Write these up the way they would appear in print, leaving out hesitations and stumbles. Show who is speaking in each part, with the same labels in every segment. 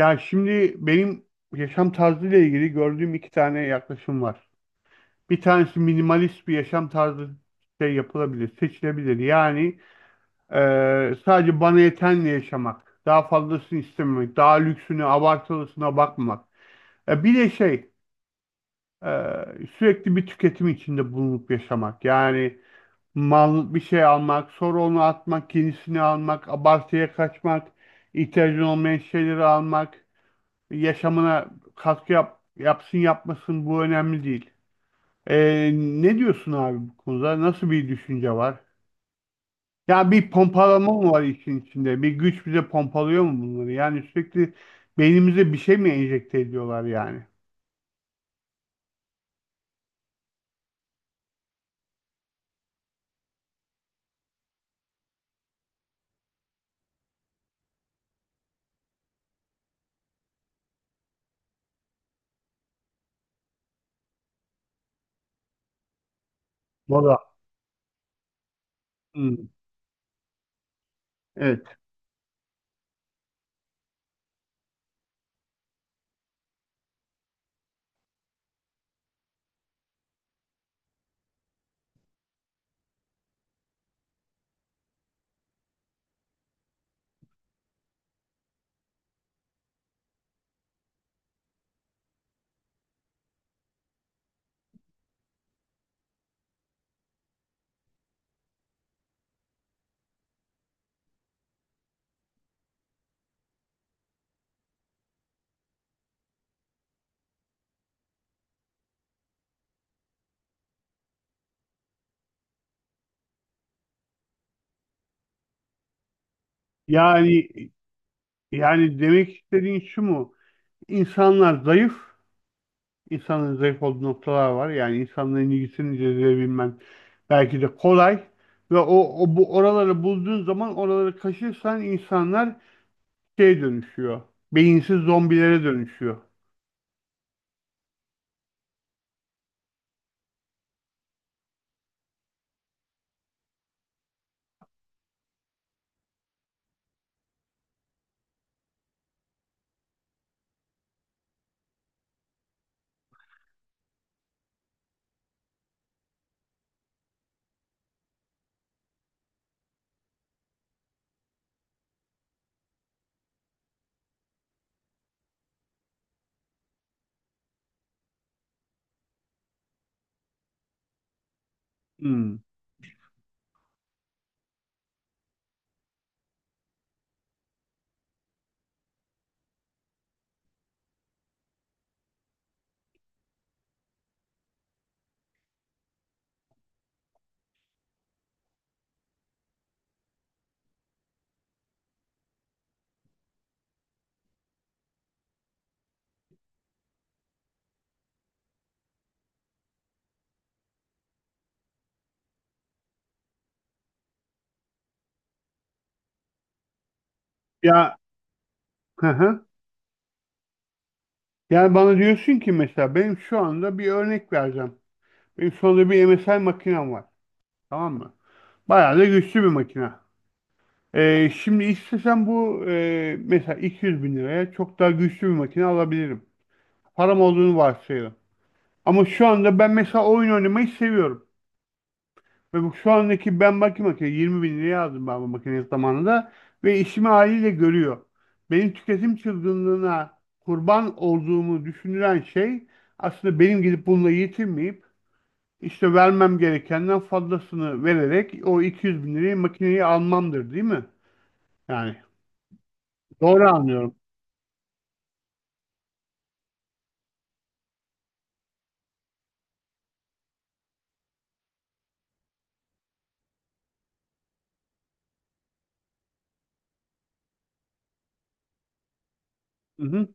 Speaker 1: Ya şimdi benim yaşam tarzıyla ilgili gördüğüm iki tane yaklaşım var. Bir tanesi minimalist bir yaşam tarzı şey yapılabilir, seçilebilir. Yani sadece bana yetenle yaşamak, daha fazlasını istememek, daha lüksüne, abartılısına bakmamak. Bir de e, sürekli bir tüketim içinde bulunup yaşamak. Yani mal bir şey almak, sonra onu atmak, yenisini almak, abartıya kaçmak, ihtiyacın olmayan şeyleri almak. Yaşamına katkı yap, yapsın yapmasın bu önemli değil. Ne diyorsun abi bu konuda? Nasıl bir düşünce var? Ya bir pompalama mı var işin içinde? Bir güç bize pompalıyor mu bunları? Yani sürekli beynimize bir şey mi enjekte ediyorlar yani? Valla. Hmm. Evet. Yani yani demek istediğin şu mu? İnsanlar zayıf. İnsanın zayıf olduğu noktalar var. Yani insanların ilgisini cezbedebilmen belki de kolay. Ve o, o bu oraları bulduğun zaman oraları kaşırsan insanlar şey dönüşüyor. Beyinsiz zombilere dönüşüyor. Hmm. Ya, hı hı. Yani bana diyorsun ki mesela benim şu anda bir örnek vereceğim. Benim şu anda bir MSI makinem var. Tamam mı? Bayağı da güçlü bir makine. Şimdi istesem bu mesela 200 bin liraya çok daha güçlü bir makine alabilirim. Param olduğunu varsayalım. Ama şu anda ben mesela oyun oynamayı seviyorum. Ve bu şu andaki ben bakayım makine 20 bin liraya aldım ben bu makineyi zamanında ve işimi haliyle görüyor. Benim tüketim çılgınlığına kurban olduğumu düşünülen şey aslında benim gidip bununla yetinmeyip işte vermem gerekenden fazlasını vererek o 200 bin liraya makineyi almamdır değil mi? Yani doğru anlıyorum. Hı hı.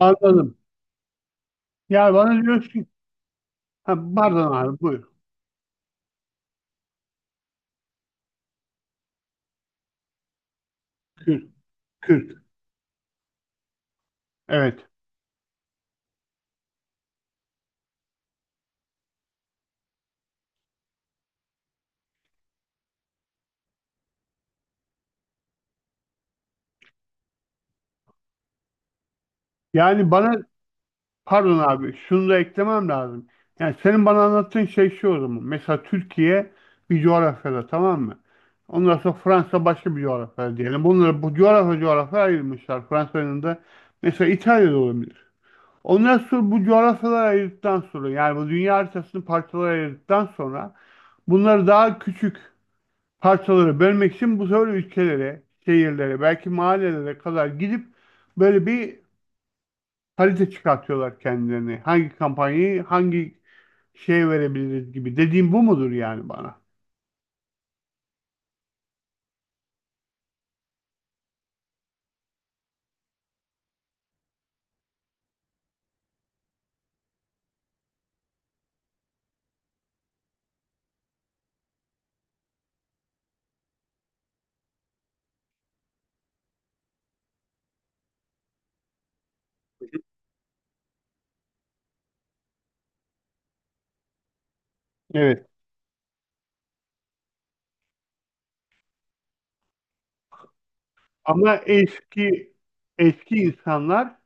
Speaker 1: Anladım. Ya bana diyorsun ki, ha, pardon abi buyur. Kürk, kürk. Evet. Yani bana. Pardon abi, şunu da eklemem lazım. Yani senin bana anlattığın şey şu o zaman. Mesela Türkiye bir coğrafyada, tamam mı? Ondan sonra Fransa başka bir coğrafyada diyelim. Bunları bu coğrafya coğrafya ayırmışlar. Fransa'nın da mesela İtalya'da olabilir. Ondan sonra bu coğrafyaları ayırdıktan sonra yani bu dünya haritasını parçalara ayırdıktan sonra bunları daha küçük parçalara bölmek için bu sefer ülkelere, şehirlere, belki mahallelere kadar gidip böyle bir harita çıkartıyorlar kendilerini. Hangi kampanyayı hangi şeye verebiliriz gibi. Dediğim bu mudur yani bana? Evet. Ama eski eski insanlar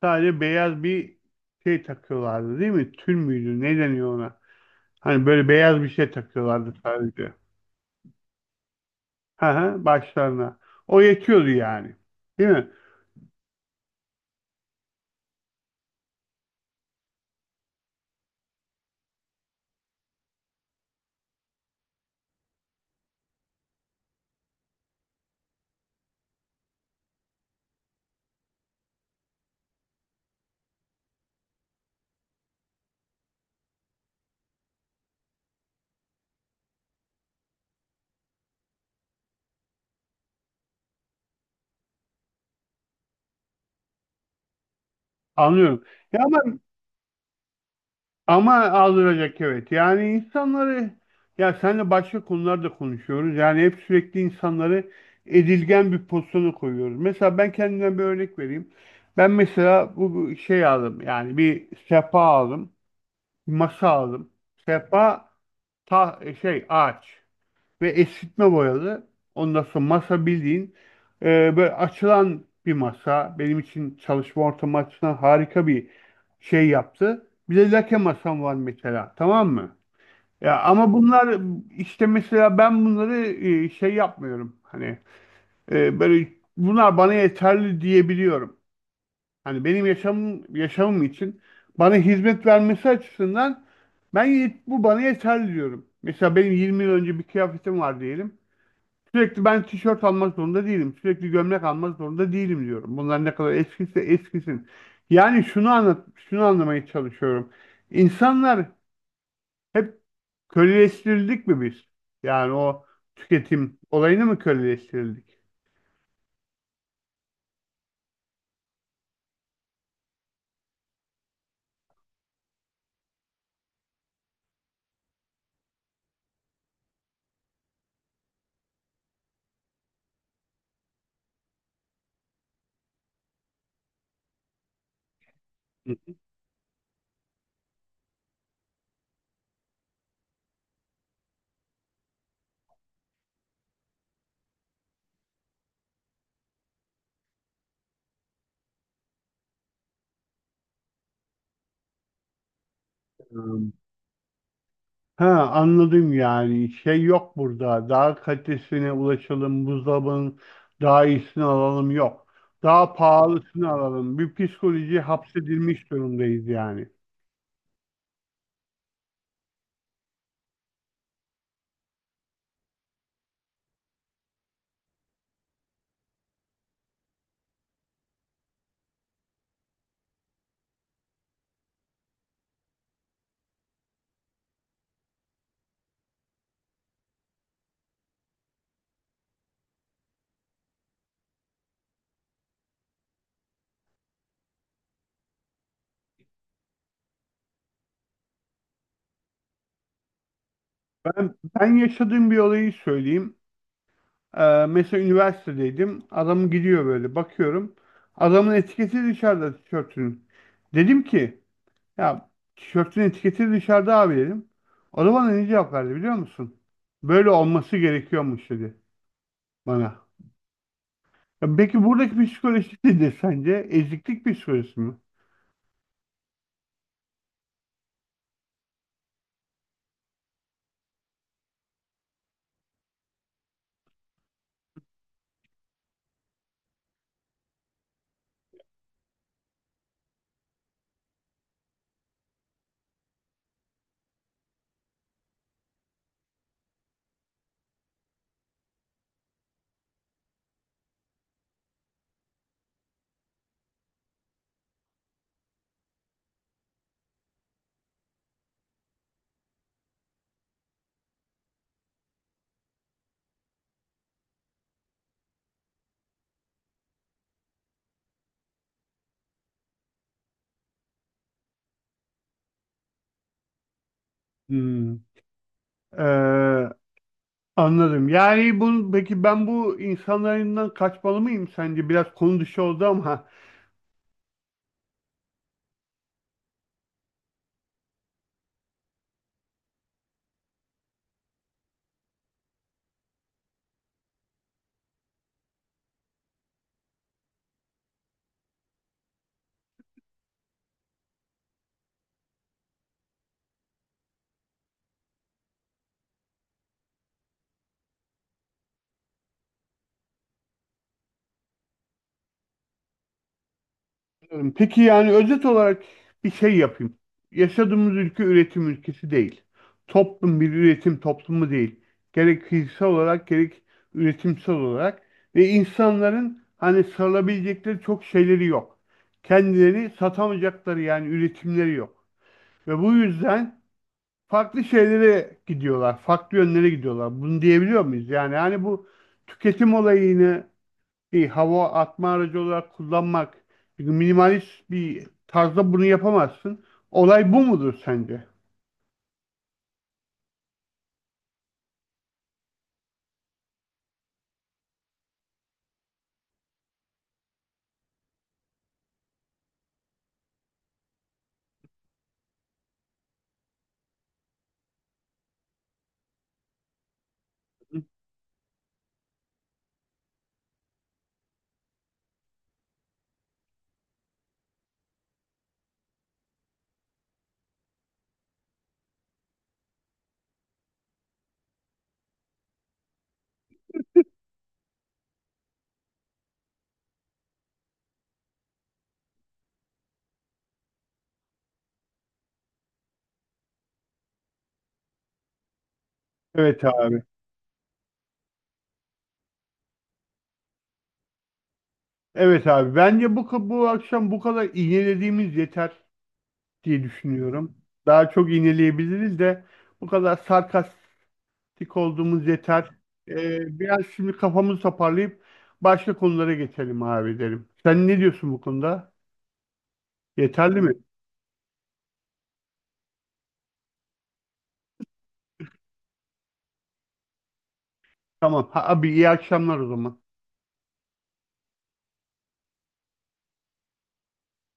Speaker 1: sadece beyaz bir şey takıyorlardı değil mi? Tül müydü? Ne deniyor ona? Hani böyle beyaz bir şey takıyorlardı sadece. Hı hı, başlarına. O yetiyordu yani. Değil mi? Anlıyorum. Ya ama. Ama aldıracak, evet. Yani insanları ya seninle başka konularda konuşuyoruz. Yani hep sürekli insanları edilgen bir pozisyona koyuyoruz. Mesela ben kendimden bir örnek vereyim. Ben mesela bu şey aldım. Yani bir sehpa aldım. Bir masa aldım. Sehpa ta şey ağaç ve esitme boyalı. Ondan sonra masa bildiğin böyle açılan bir masa. Benim için çalışma ortamı açısından harika bir şey yaptı. Bir de lake masam var mesela. Tamam mı? Ya ama bunlar işte mesela ben bunları şey yapmıyorum. Hani böyle bunlar bana yeterli diyebiliyorum. Hani benim yaşamım için bana hizmet vermesi açısından bu bana yeterli diyorum. Mesela benim 20 yıl önce bir kıyafetim var diyelim. Sürekli ben tişört almak zorunda değilim. Sürekli gömlek almak zorunda değilim diyorum. Bunlar ne kadar eskisi eskisin. Yani şunu anlat, şunu anlamaya çalışıyorum. İnsanlar hep köleleştirildik mi biz? Yani o tüketim olayını mı köleleştirildik? Hmm. Ha, anladım yani. Şey yok burada. Daha kalitesine ulaşalım. Buzdolabının daha iyisini alalım yok. Daha pahalısını alalım. Bir psikolojiye hapsedilmiş durumdayız yani. Ben, ben yaşadığım bir olayı söyleyeyim. Mesela üniversitedeydim. Adam gidiyor böyle bakıyorum. Adamın etiketi dışarıda tişörtünün. Dedim ki ya, tişörtün etiketi dışarıda abi dedim. O da bana ne cevap verdi biliyor musun? Böyle olması gerekiyormuş dedi bana. Ya peki buradaki psikoloji nedir sence? Eziklik psikolojisi mi? Hmm. Ee, anladım. Yani bu, peki ben bu insanlarından kaçmalı mıyım sence? Biraz konu dışı oldu ama. Anladım. Peki yani özet olarak bir şey yapayım. Yaşadığımız ülke üretim ülkesi değil. Toplum bir üretim toplumu değil. Gerek fiziksel olarak gerek üretimsel olarak ve insanların hani sarılabilecekleri çok şeyleri yok. Kendileri satamayacakları yani üretimleri yok. Ve bu yüzden farklı şeylere gidiyorlar, farklı yönlere gidiyorlar. Bunu diyebiliyor muyuz? Yani hani bu tüketim olayını bir hava atma aracı olarak kullanmak. Çünkü minimalist bir tarzda bunu yapamazsın. Olay bu mudur sence? Evet abi. Evet abi. Bence bu, bu akşam bu kadar iğnelediğimiz yeter diye düşünüyorum. Daha çok iğneleyebiliriz de bu kadar sarkastik olduğumuz yeter. Biraz şimdi kafamızı toparlayıp başka konulara geçelim abi derim. Sen ne diyorsun bu konuda? Yeterli mi? Tamam. Ha, abi iyi akşamlar o zaman.